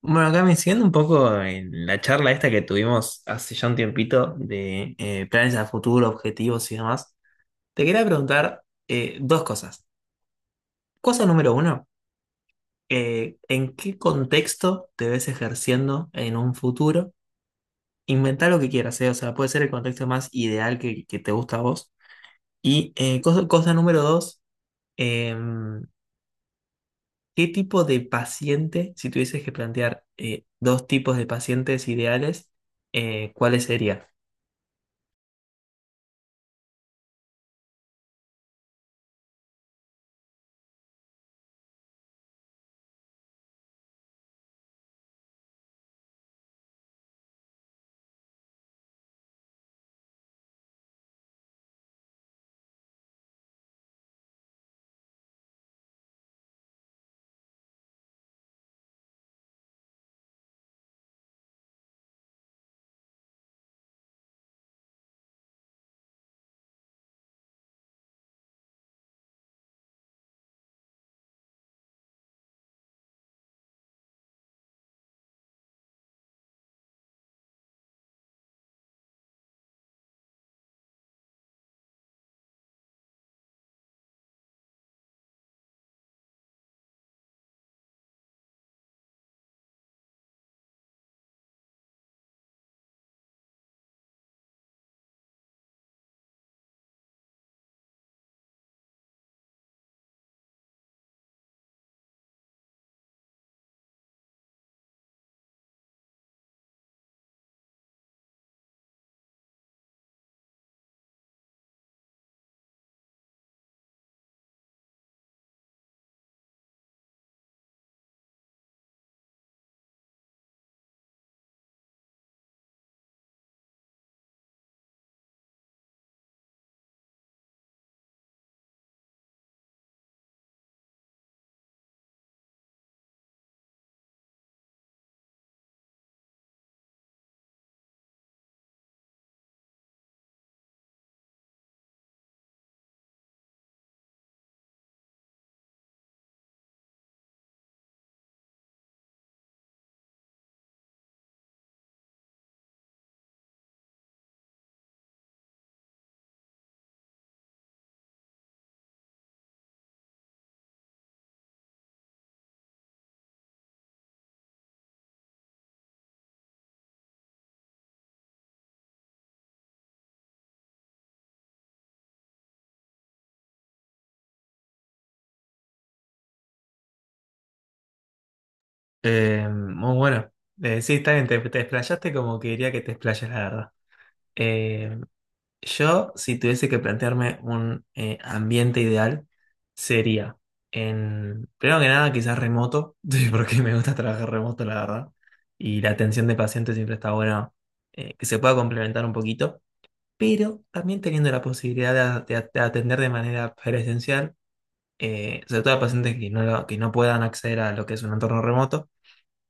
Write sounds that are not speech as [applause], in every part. Bueno, acá me siguiendo un poco en la charla esta que tuvimos hace ya un tiempito de planes a futuro, objetivos y demás, te quería preguntar dos cosas. Cosa número uno, ¿en qué contexto te ves ejerciendo en un futuro? Inventá lo que quieras, ¿eh? O sea, puede ser el contexto más ideal que te gusta a vos. Y cosa número dos, em, ¿qué tipo de paciente, si tuvieses que plantear dos tipos de pacientes ideales, ¿cuáles serían? Muy bueno. Sí, está bien, te explayaste como quería que te explayes, la verdad. Eh, yo, si tuviese que plantearme un ambiente ideal, sería en, primero que nada, quizás remoto, [laughs] sí, porque me gusta trabajar remoto, la verdad. Y la atención de pacientes siempre está buena, que se pueda complementar un poquito, pero también teniendo la posibilidad de atender de manera presencial, sobre todo a pacientes que que no puedan acceder a lo que es un entorno remoto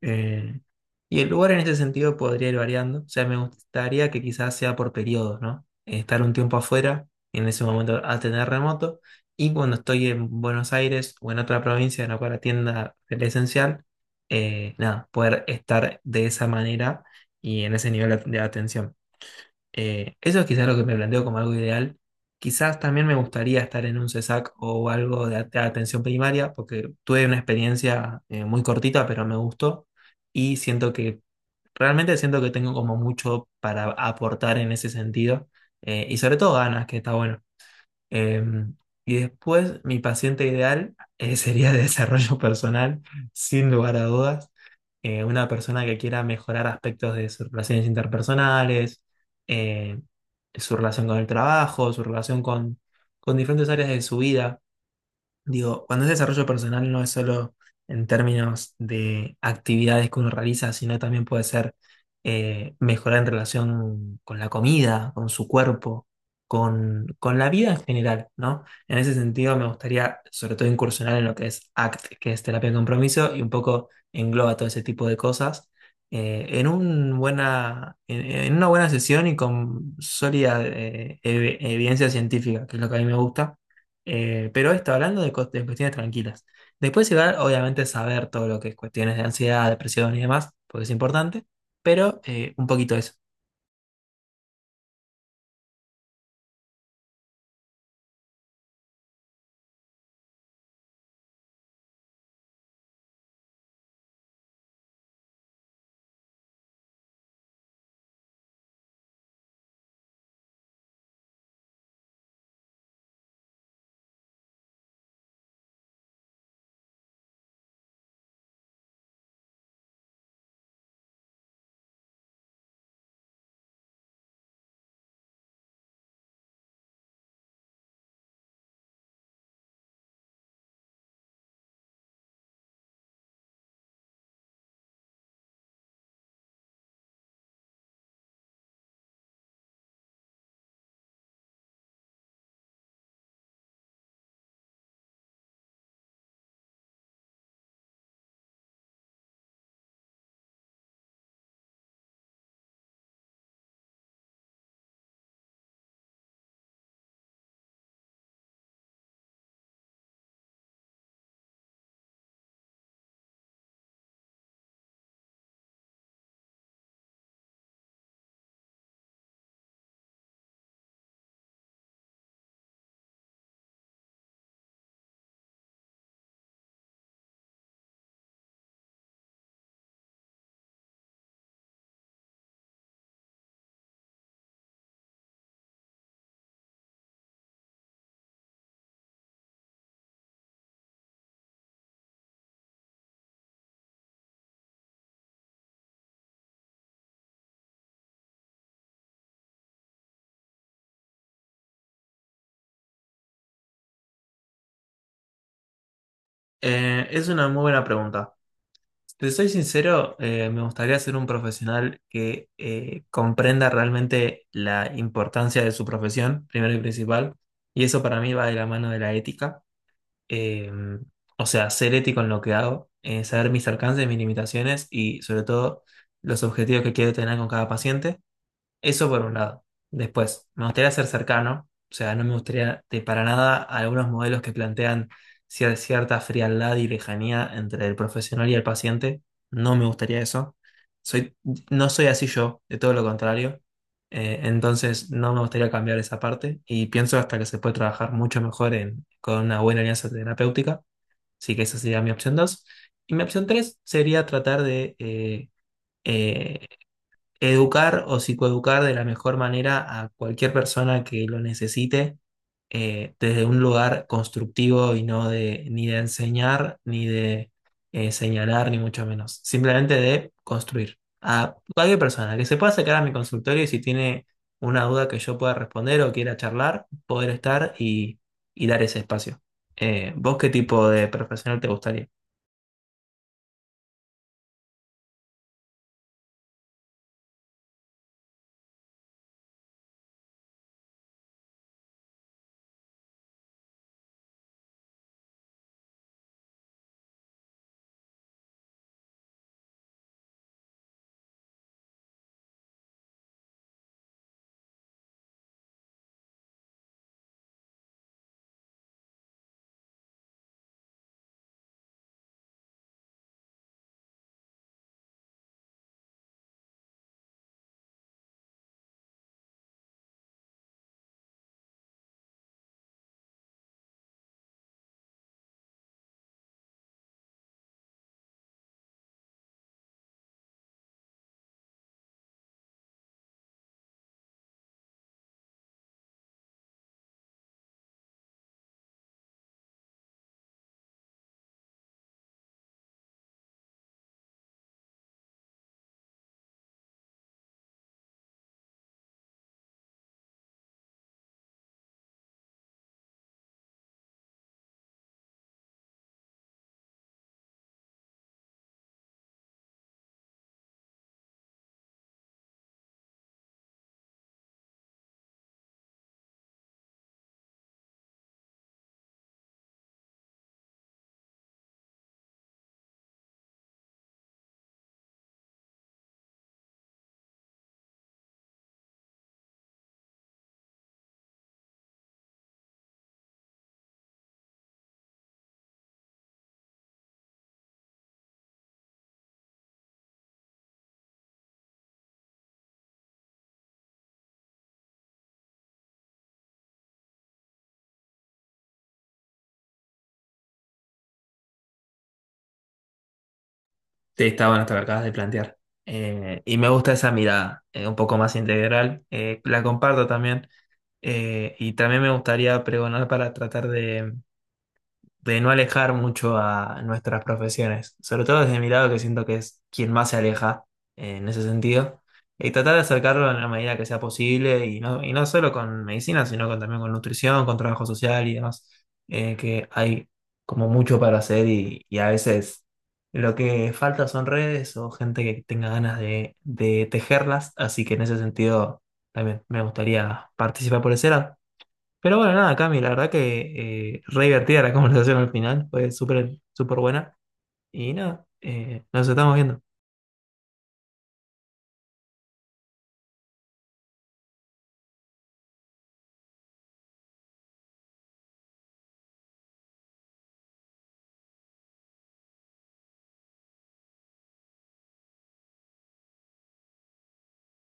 eh, y el lugar en ese sentido podría ir variando. O sea, me gustaría que quizás sea por periodos, ¿no? Estar un tiempo afuera, en ese momento atender remoto, y cuando estoy en Buenos Aires o en otra provincia, en la cual atienda presencial, nada, poder estar de esa manera y en ese nivel de atención. Eso es quizás lo que me planteo como algo ideal. Quizás también me gustaría estar en un CESAC o algo de atención primaria, porque tuve una experiencia muy cortita, pero me gustó y siento que realmente siento que tengo como mucho para aportar en ese sentido y sobre todo ganas, que está bueno. Eh, y después mi paciente ideal [laughs] sería de desarrollo personal, sin lugar a dudas una persona que quiera mejorar aspectos de sus relaciones interpersonales, eh, su relación con el trabajo, su relación con diferentes áreas de su vida. Digo, cuando es desarrollo personal no es solo en términos de actividades que uno realiza, sino también puede ser mejorar en relación con la comida, con su cuerpo, con la vida en general, ¿no? En ese sentido me gustaría sobre todo incursionar en lo que es ACT, que es terapia de compromiso, y un poco engloba todo ese tipo de cosas en un buena, en una buena sesión y con sólida evidencia científica, que es lo que a mí me gusta pero está hablando de, de cuestiones tranquilas. Después igual, obviamente, saber todo lo que es cuestiones de ansiedad, depresión y demás, porque es importante, pero un poquito eso. Es una muy buena pregunta. Si te soy sincero, me gustaría ser un profesional que comprenda realmente la importancia de su profesión, primero y principal, y eso para mí va de la mano de la ética eh, o sea, ser ético en lo que hago, saber mis alcances, mis limitaciones y sobre todo los objetivos que quiero tener con cada paciente. Eso por un lado. Después, me gustaría ser cercano, o sea, no me gustaría de para nada algunos modelos que plantean cierta frialdad y lejanía entre el profesional y el paciente. No me gustaría eso. Soy, no soy así yo, de todo lo contrario. Entonces, no me gustaría cambiar esa parte y pienso hasta que se puede trabajar mucho mejor con una buena alianza terapéutica. Así que esa sería mi opción 2. Y mi opción 3 sería tratar de... eh, educar o psicoeducar de la mejor manera a cualquier persona que lo necesite desde un lugar constructivo y no de ni de enseñar ni de señalar ni mucho menos, simplemente de construir a cualquier persona que se pueda acercar a mi consultorio y si tiene una duda que yo pueda responder o quiera charlar, poder estar y dar ese espacio. ¿Vos qué tipo de profesional te gustaría? Sí, está bueno esto que acabas de plantear. Y me gusta esa mirada, un poco más integral. La comparto también. Y también me gustaría pregonar para tratar de no alejar mucho a nuestras profesiones, sobre todo desde mi lado que siento que es quien más se aleja en ese sentido, y tratar de acercarlo en la medida que sea posible, y no solo con medicina, sino también con nutrición, con trabajo social y demás, que hay como mucho para hacer y a veces lo que falta son redes o gente que tenga ganas de tejerlas, así que en ese sentido también me gustaría participar por ese lado. Pero bueno, nada, Cami, la verdad que re divertida la [laughs] conversación al final, fue súper súper buena. Y nada, nos estamos viendo.